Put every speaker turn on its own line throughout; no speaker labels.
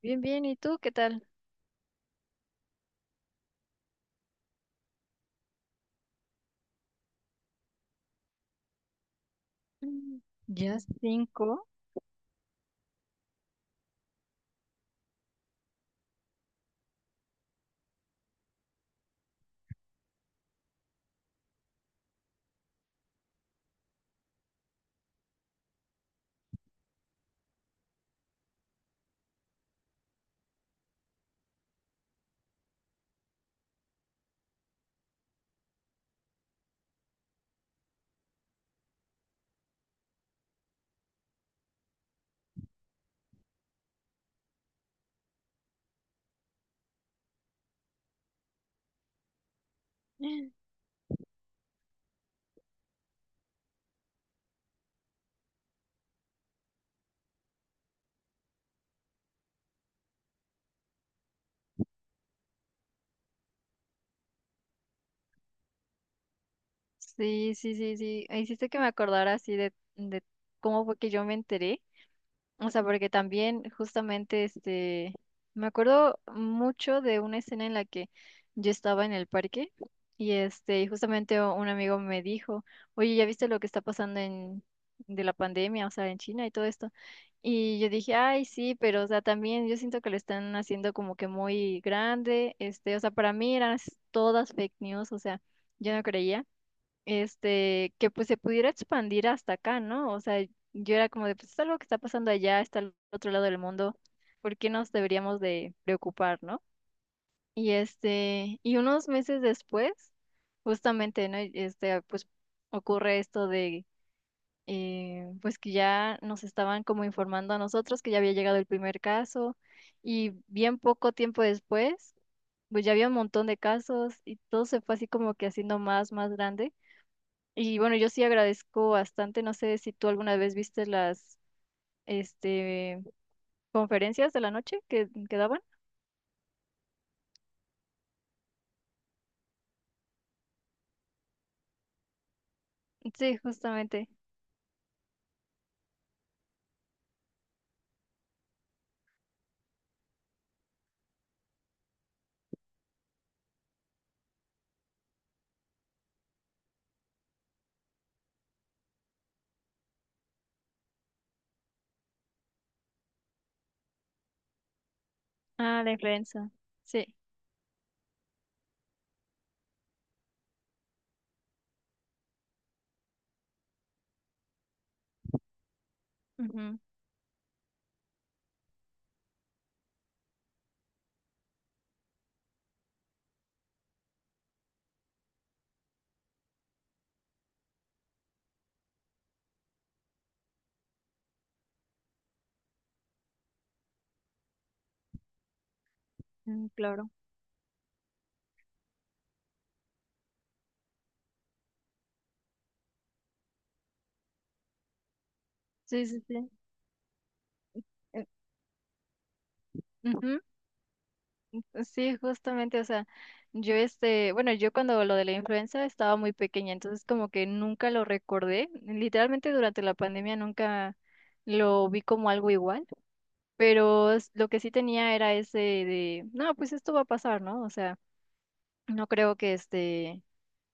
Bien, bien. ¿Y tú qué tal? Mm. Ya cinco. Sí, sí, sí, sí. Hiciste que me acordara así de cómo fue que yo me enteré. O sea, porque también justamente me acuerdo mucho de una escena en la que yo estaba en el parque y y justamente un amigo me dijo, oye, ¿ya viste lo que está pasando en de la pandemia, o sea, en China y todo esto? Y yo dije, ay, sí, pero o sea, también yo siento que lo están haciendo como que muy grande, o sea, para mí eran todas fake news, o sea, yo no creía que pues se pudiera expandir hasta acá, ¿no? O sea, yo era como de, pues es algo que está pasando allá, está al otro lado del mundo, ¿por qué nos deberíamos de preocupar?, ¿no? Y unos meses después, justamente, ¿no? Pues ocurre esto de, pues que ya nos estaban como informando a nosotros que ya había llegado el primer caso y bien poco tiempo después, pues ya había un montón de casos y todo se fue así como que haciendo más, más grande. Y bueno, yo sí agradezco bastante, no sé si tú alguna vez viste las este conferencias de la noche que daban. Sí, justamente. Ah, la influenza. Sí. Ujú, mm, claro. Sí, sí, sí. Eh, Ujú. Sí, justamente, o sea, bueno, yo cuando lo de la influenza estaba muy pequeña, entonces como que nunca lo recordé. Literalmente durante la pandemia nunca lo vi como algo igual, pero lo que sí tenía era ese de, no, pues esto va a pasar, ¿no? O sea, no creo que este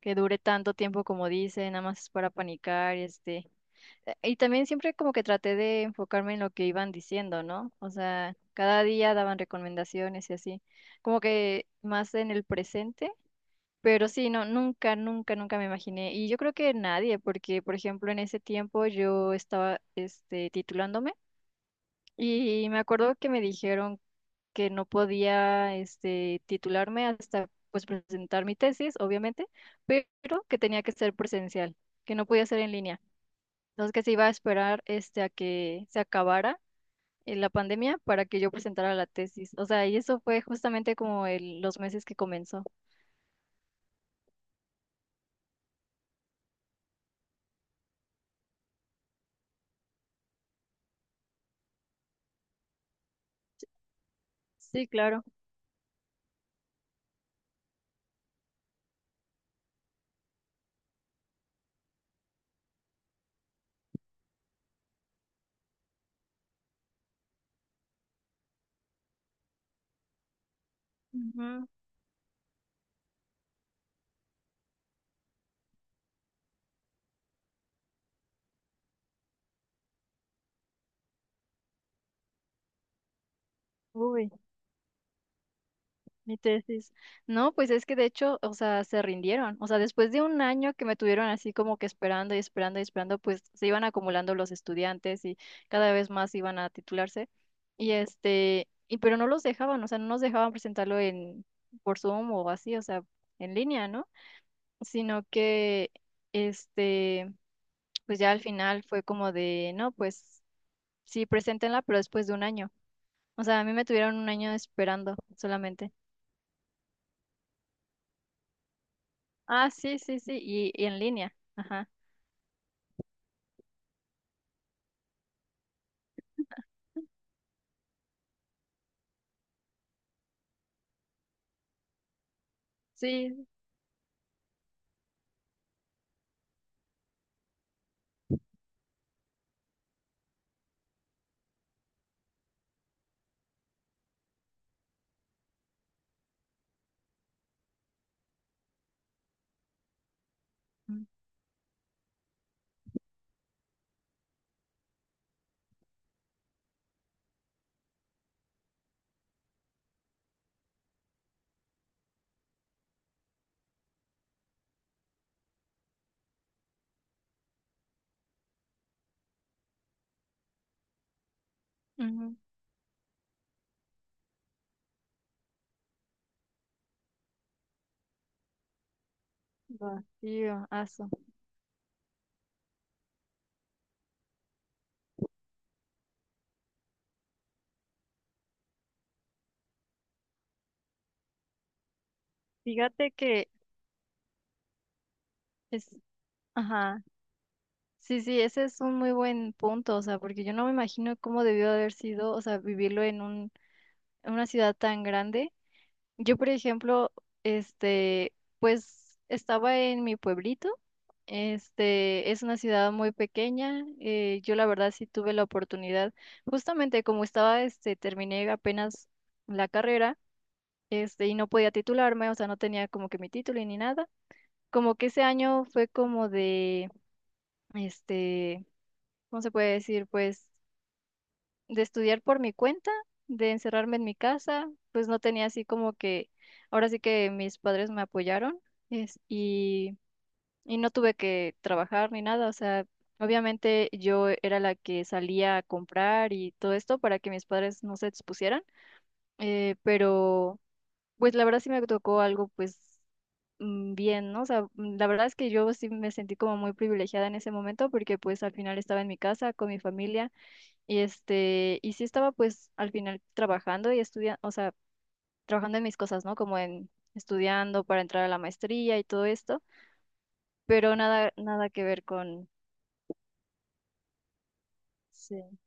que dure tanto tiempo como dice, nada más es para panicar. Y también siempre como que traté de enfocarme en lo que iban diciendo, ¿no? O sea, cada día daban recomendaciones y así, como que más en el presente, pero sí, no, nunca, nunca, nunca me imaginé. Y yo creo que nadie, porque por ejemplo en ese tiempo yo estaba titulándome. Y me acuerdo que me dijeron que no podía titularme hasta pues presentar mi tesis, obviamente, pero que tenía que ser presencial, que no podía ser en línea. Entonces que se iba a esperar a que se acabara la pandemia para que yo presentara la tesis. O sea, y eso fue justamente como los meses que comenzó. Sí, claro. Ujú. Uy. Mi tesis. No, pues es que de hecho, o sea, se rindieron. O sea, después de un año que me tuvieron así como que esperando y esperando y esperando, pues se iban acumulando los estudiantes y cada vez más iban a titularse. Y pero no los dejaban, o sea, no nos dejaban presentarlo en por Zoom o así, o sea, en línea, ¿no? Sino que este, pues ya al final fue como de, no, pues sí, preséntenla, pero después de un año. O sea, a mí me tuvieron un año esperando solamente. Ah, sí, sí, sí, y en línea. Ajá. Sí. Ujú. Vacío, aso. Fíjate que es, ajá. Sí, sí, ese es un muy buen punto, o sea, porque yo no me imagino cómo debió haber sido, o sea, vivirlo en un, en una ciudad tan grande. Yo, por ejemplo, este, pues estaba en mi pueblito. Este es una ciudad muy pequeña. Yo la verdad sí tuve la oportunidad, justamente como estaba, terminé apenas la carrera. Y no podía titularme, o sea, no tenía como que mi título y ni nada. Como que ese año fue como de, este, ¿cómo se puede decir? Pues de estudiar por mi cuenta, de encerrarme en mi casa, pues no tenía así como que, ahora sí que mis padres me apoyaron, es, y, y no tuve que trabajar ni nada, o sea, obviamente yo era la que salía a comprar y todo esto para que mis padres no se expusieran, pero. Pues la verdad sí me tocó algo pues bien, ¿no? O sea, la verdad es que yo sí me sentí como muy privilegiada en ese momento porque pues al final estaba en mi casa con mi familia y sí estaba pues al final trabajando y estudiando, o sea, trabajando en mis cosas, ¿no? Como en estudiando para entrar a la maestría y todo esto, pero nada, nada que ver con. Sí.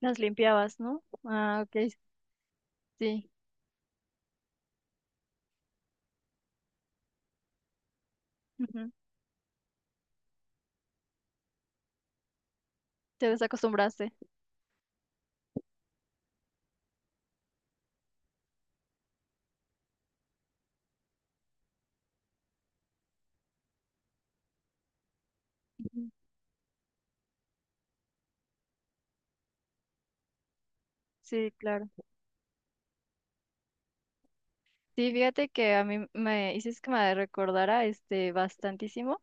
Las limpiabas, ¿no? Ah, ok, sí. Ujú. Te desacostumbraste. Ujú. Sí, claro. Sí, fíjate que a mí me hiciste que me recordara bastantísimo,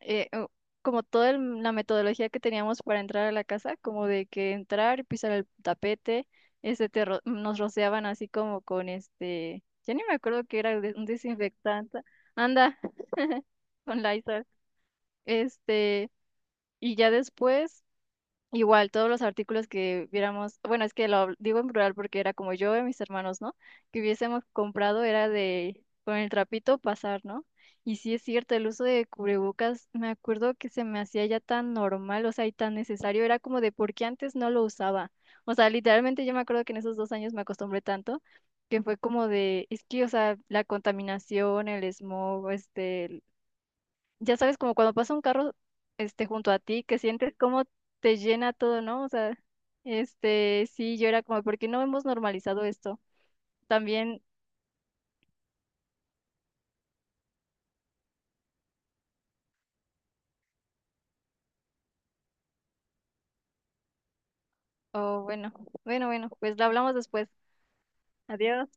eh, u- como toda la metodología que teníamos para entrar a la casa, como de que entrar, y pisar el tapete, nos rociaban así como con ya ni me acuerdo que era un desinfectante, anda, con Lysol, este, y ya después igual, todos los artículos que viéramos, bueno, es que lo digo en plural porque era como yo y mis hermanos, ¿no? Que hubiésemos comprado era de con el trapito pasar, ¿no? Y sí es cierto, el uso de cubrebocas, me acuerdo que se me hacía ya tan normal, o sea, y tan necesario, era como de por qué antes no lo usaba. O sea, literalmente yo me acuerdo que en esos 2 años me acostumbré tanto que fue como de, es que, o sea, la contaminación, el smog, ya sabes, como cuando pasa un carro junto a ti, que sientes cómo te llena todo, ¿no? O sea, sí, yo era como, ¿por qué no hemos normalizado esto? También, oh, bueno, bueno, bueno, pues lo hablamos después. Adiós.